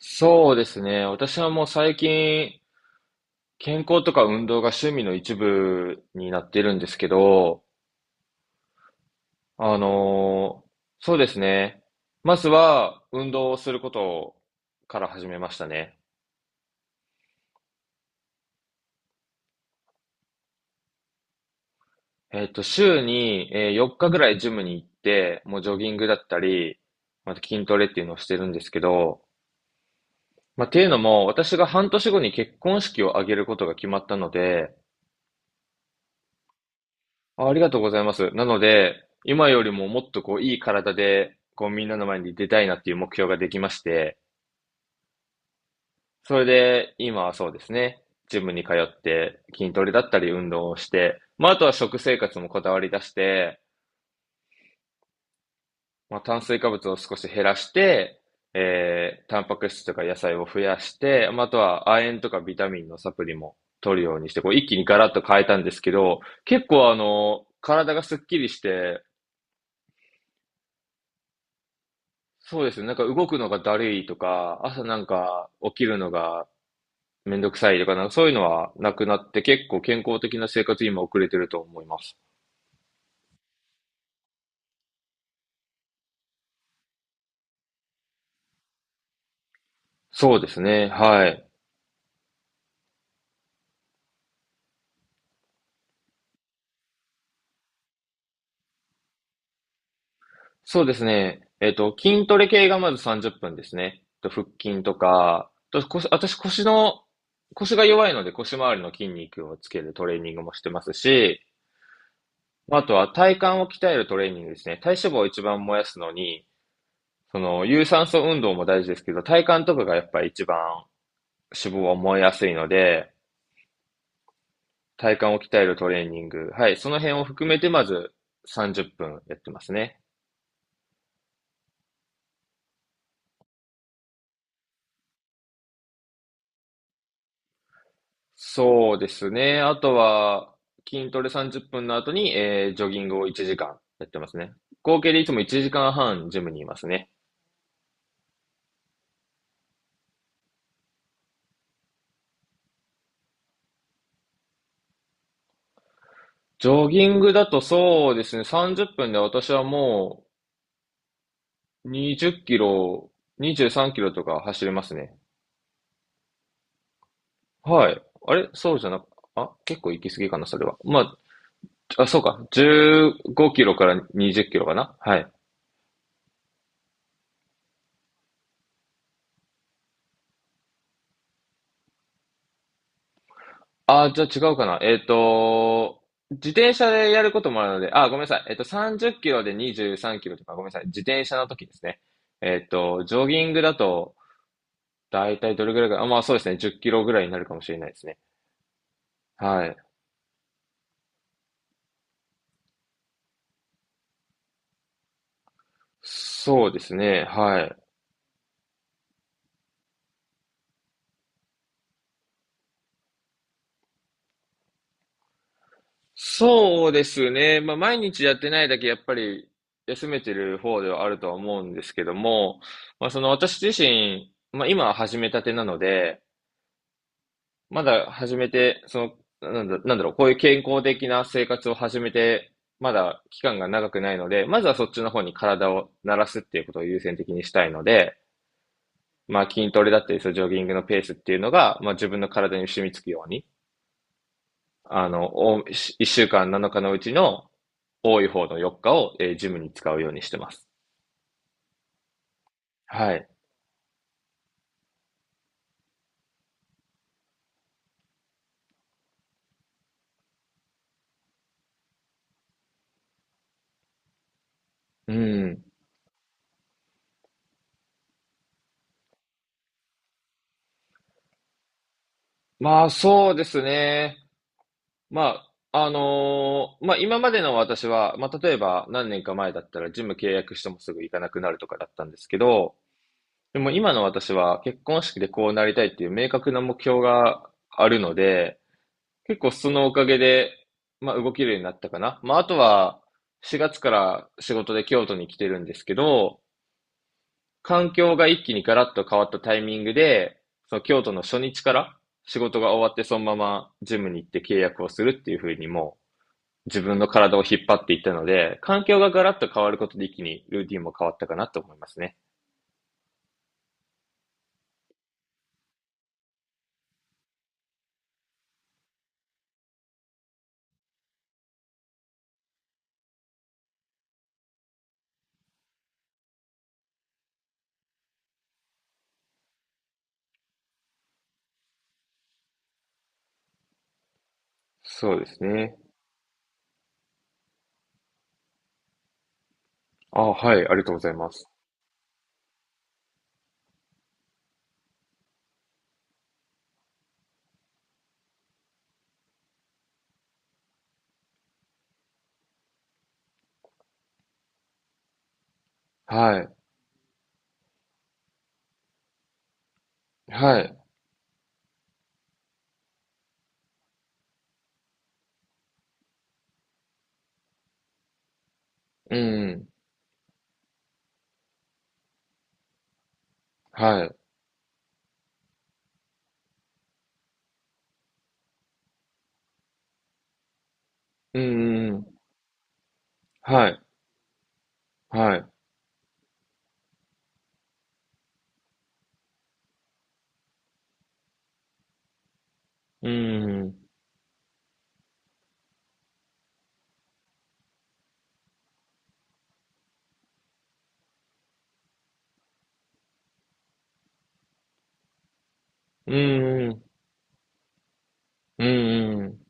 そうですね。私はもう最近、健康とか運動が趣味の一部になってるんですけど、あのーそうですね。まずは、運動をすることから始めましたね。週に、4日ぐらいジムに行って、もうジョギングだったり、また筋トレっていうのをしてるんですけど、まあ、っていうのも、私が半年後に結婚式を挙げることが決まったので、あ、ありがとうございます。なので、今よりももっとこう、いい体で、こう、みんなの前に出たいなっていう目標ができまして、それで、今はそうですね、ジムに通って筋トレだったり運動をして、まあ、あとは食生活もこだわり出して、まあ、炭水化物を少し減らして、タンパク質とか野菜を増やして、まあ、あとは亜鉛とかビタミンのサプリも取るようにして、こう、一気にガラッと変えたんですけど、結構体がスッキリして、そうですね。なんか動くのがだるいとか、朝なんか起きるのがめんどくさいとか、なんかそういうのはなくなって結構健康的な生活に今送れてると思います。そうですね。はい。そうですね。筋トレ系がまず30分ですね。と腹筋とか、と腰私腰の、腰が弱いので腰周りの筋肉をつけるトレーニングもしてますし、まあとは体幹を鍛えるトレーニングですね。体脂肪を一番燃やすのに、その有酸素運動も大事ですけど、体幹とかがやっぱり一番脂肪は燃えやすいので、体幹を鍛えるトレーニング。はい。その辺を含めて、まず30分やってますね。そうですね。あとは、筋トレ30分の後に、ジョギングを1時間やってますね。合計でいつも1時間半ジムにいますね。ジョギングだとそうですね、30分で私はもう20キロ、23キロとか走れますね。はい。あれそうじゃなく、あ、結構行き過ぎかな、それは。まあ、あ、そうか。15キロから20キロかな。はい。あ、じゃあ違うかな。自転車でやることもあるので、あ、ごめんなさい。30キロで23キロとか、ごめんなさい。自転車の時ですね。ジョギングだと、だいたいどれぐらいか、あ、まあそうですね。10キロぐらいになるかもしれないですね。はい。そうですね。はい。そうですね。まあ、毎日やってないだけ、やっぱり休めてる方ではあるとは思うんですけども、まあ、その私自身、まあ、今は始めたてなので、まだ始めて、なんだろう、こういう健康的な生活を始めて、まだ期間が長くないので、まずはそっちの方に体を慣らすっていうことを優先的にしたいので、まあ、筋トレだったり、そのジョギングのペースっていうのが、まあ、自分の体に染みつくように、あの、お、一週間7日のうちの、多い方の4日を、ジムに使うようにしてます。はい。うん。まあ、そうですね。まあ、まあ、今までの私は、まあ、例えば何年か前だったらジム契約してもすぐ行かなくなるとかだったんですけど、でも今の私は結婚式でこうなりたいっていう明確な目標があるので、結構そのおかげで、まあ、動けるようになったかな。まあ、あとは、4月から仕事で京都に来てるんですけど、環境が一気にガラッと変わったタイミングで、その京都の初日から仕事が終わってそのままジムに行って契約をするっていう風にもう自分の体を引っ張っていったので、環境がガラッと変わることで一気にルーティンも変わったかなと思いますね。そうですね。あ、はい、ありがとうございます。はい。はい。うんん。はい。うんうん。はい。はい。うんう。うんうんうん。うんうん。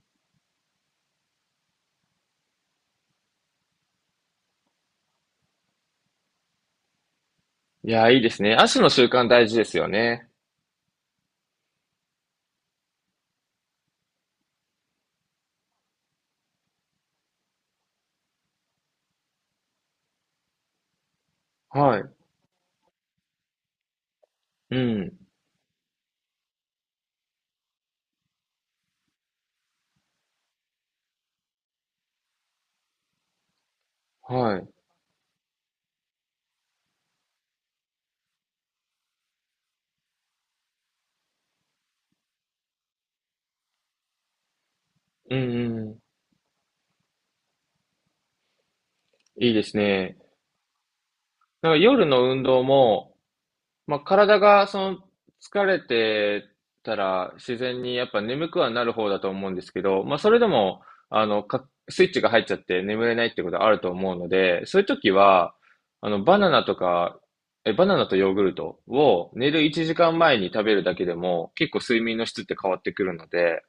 いや、いいですね。足の習慣大事ですよね。はい。うん。はい。うんうん。いいですね。なんか夜の運動も、まあ、体がその疲れてたら自然にやっぱ眠くはなる方だと思うんですけど、まあ、それでも、スイッチが入っちゃって眠れないってことあると思うので、そういう時は、あの、バナナとか、バナナとヨーグルトを寝る1時間前に食べるだけでも結構睡眠の質って変わってくるので、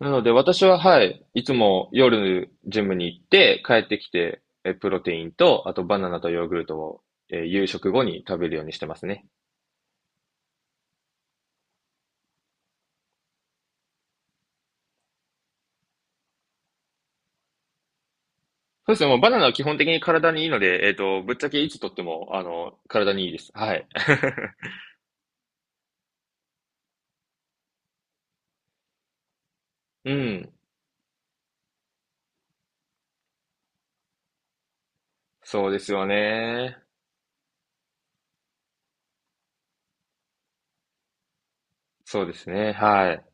なので、私は、はい、いつも夜ジムに行って、帰ってきて、プロテインと、あとバナナとヨーグルトを、夕食後に食べるようにしてますね。そうですね、もうバナナは基本的に体にいいので、ぶっちゃけいつとっても、体にいいです。はい。うん。そうですよね。そうですね。はい。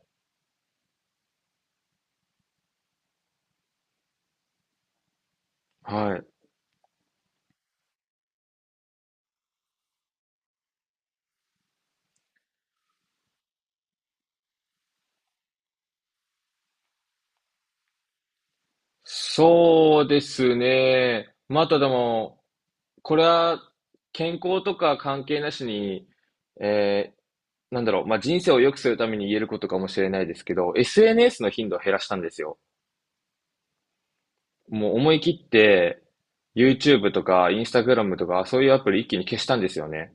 はい。そうですね。またでも、これは健康とか関係なしに、えなんだろう、まあ、人生を良くするために言えることかもしれないですけど、SNS の頻度を減らしたんですよ。もう思い切って、YouTube とか Instagram とか、そういうアプリ一気に消したんですよね。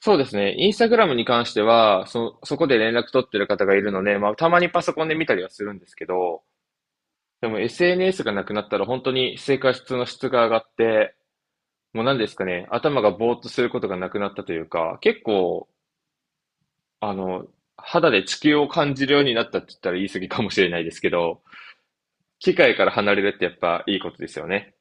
そうですね。Instagram に関しては、そこで連絡取ってる方がいるので、まあ、たまにパソコンで見たりはするんですけど、でも SNS がなくなったら本当に生活の質が上がって、もう何ですかね、頭がぼーっとすることがなくなったというか、結構あの、肌で地球を感じるようになったって言ったら言い過ぎかもしれないですけど、機械から離れるってやっぱいいことですよね。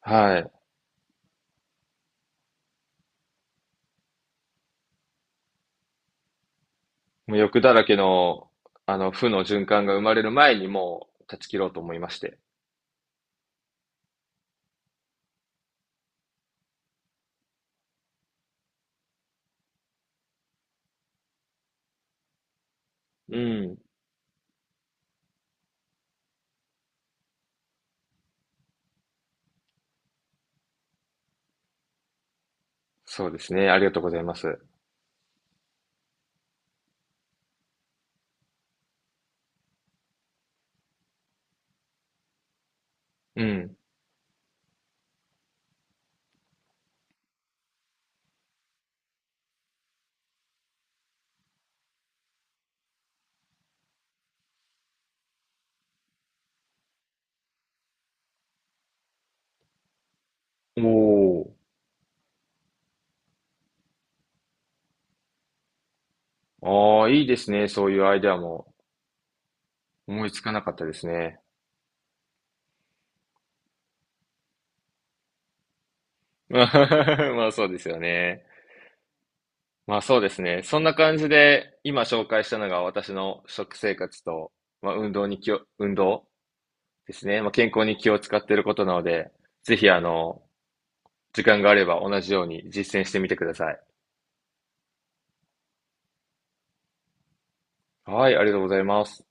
はい。もう欲だらけの、負の循環が生まれる前にもう断ち切ろうと思いまして。うん。そうですね。ありがとうございます。うん。おお。ああ、いいですね。そういうアイデアも思いつかなかったですね。まあそうですよね。まあそうですね。そんな感じで、今紹介したのが私の食生活と、まあ運動に気を、運動ですね。まあ健康に気を使っていることなので、ぜひ時間があれば同じように実践してみてください。はい、ありがとうございます。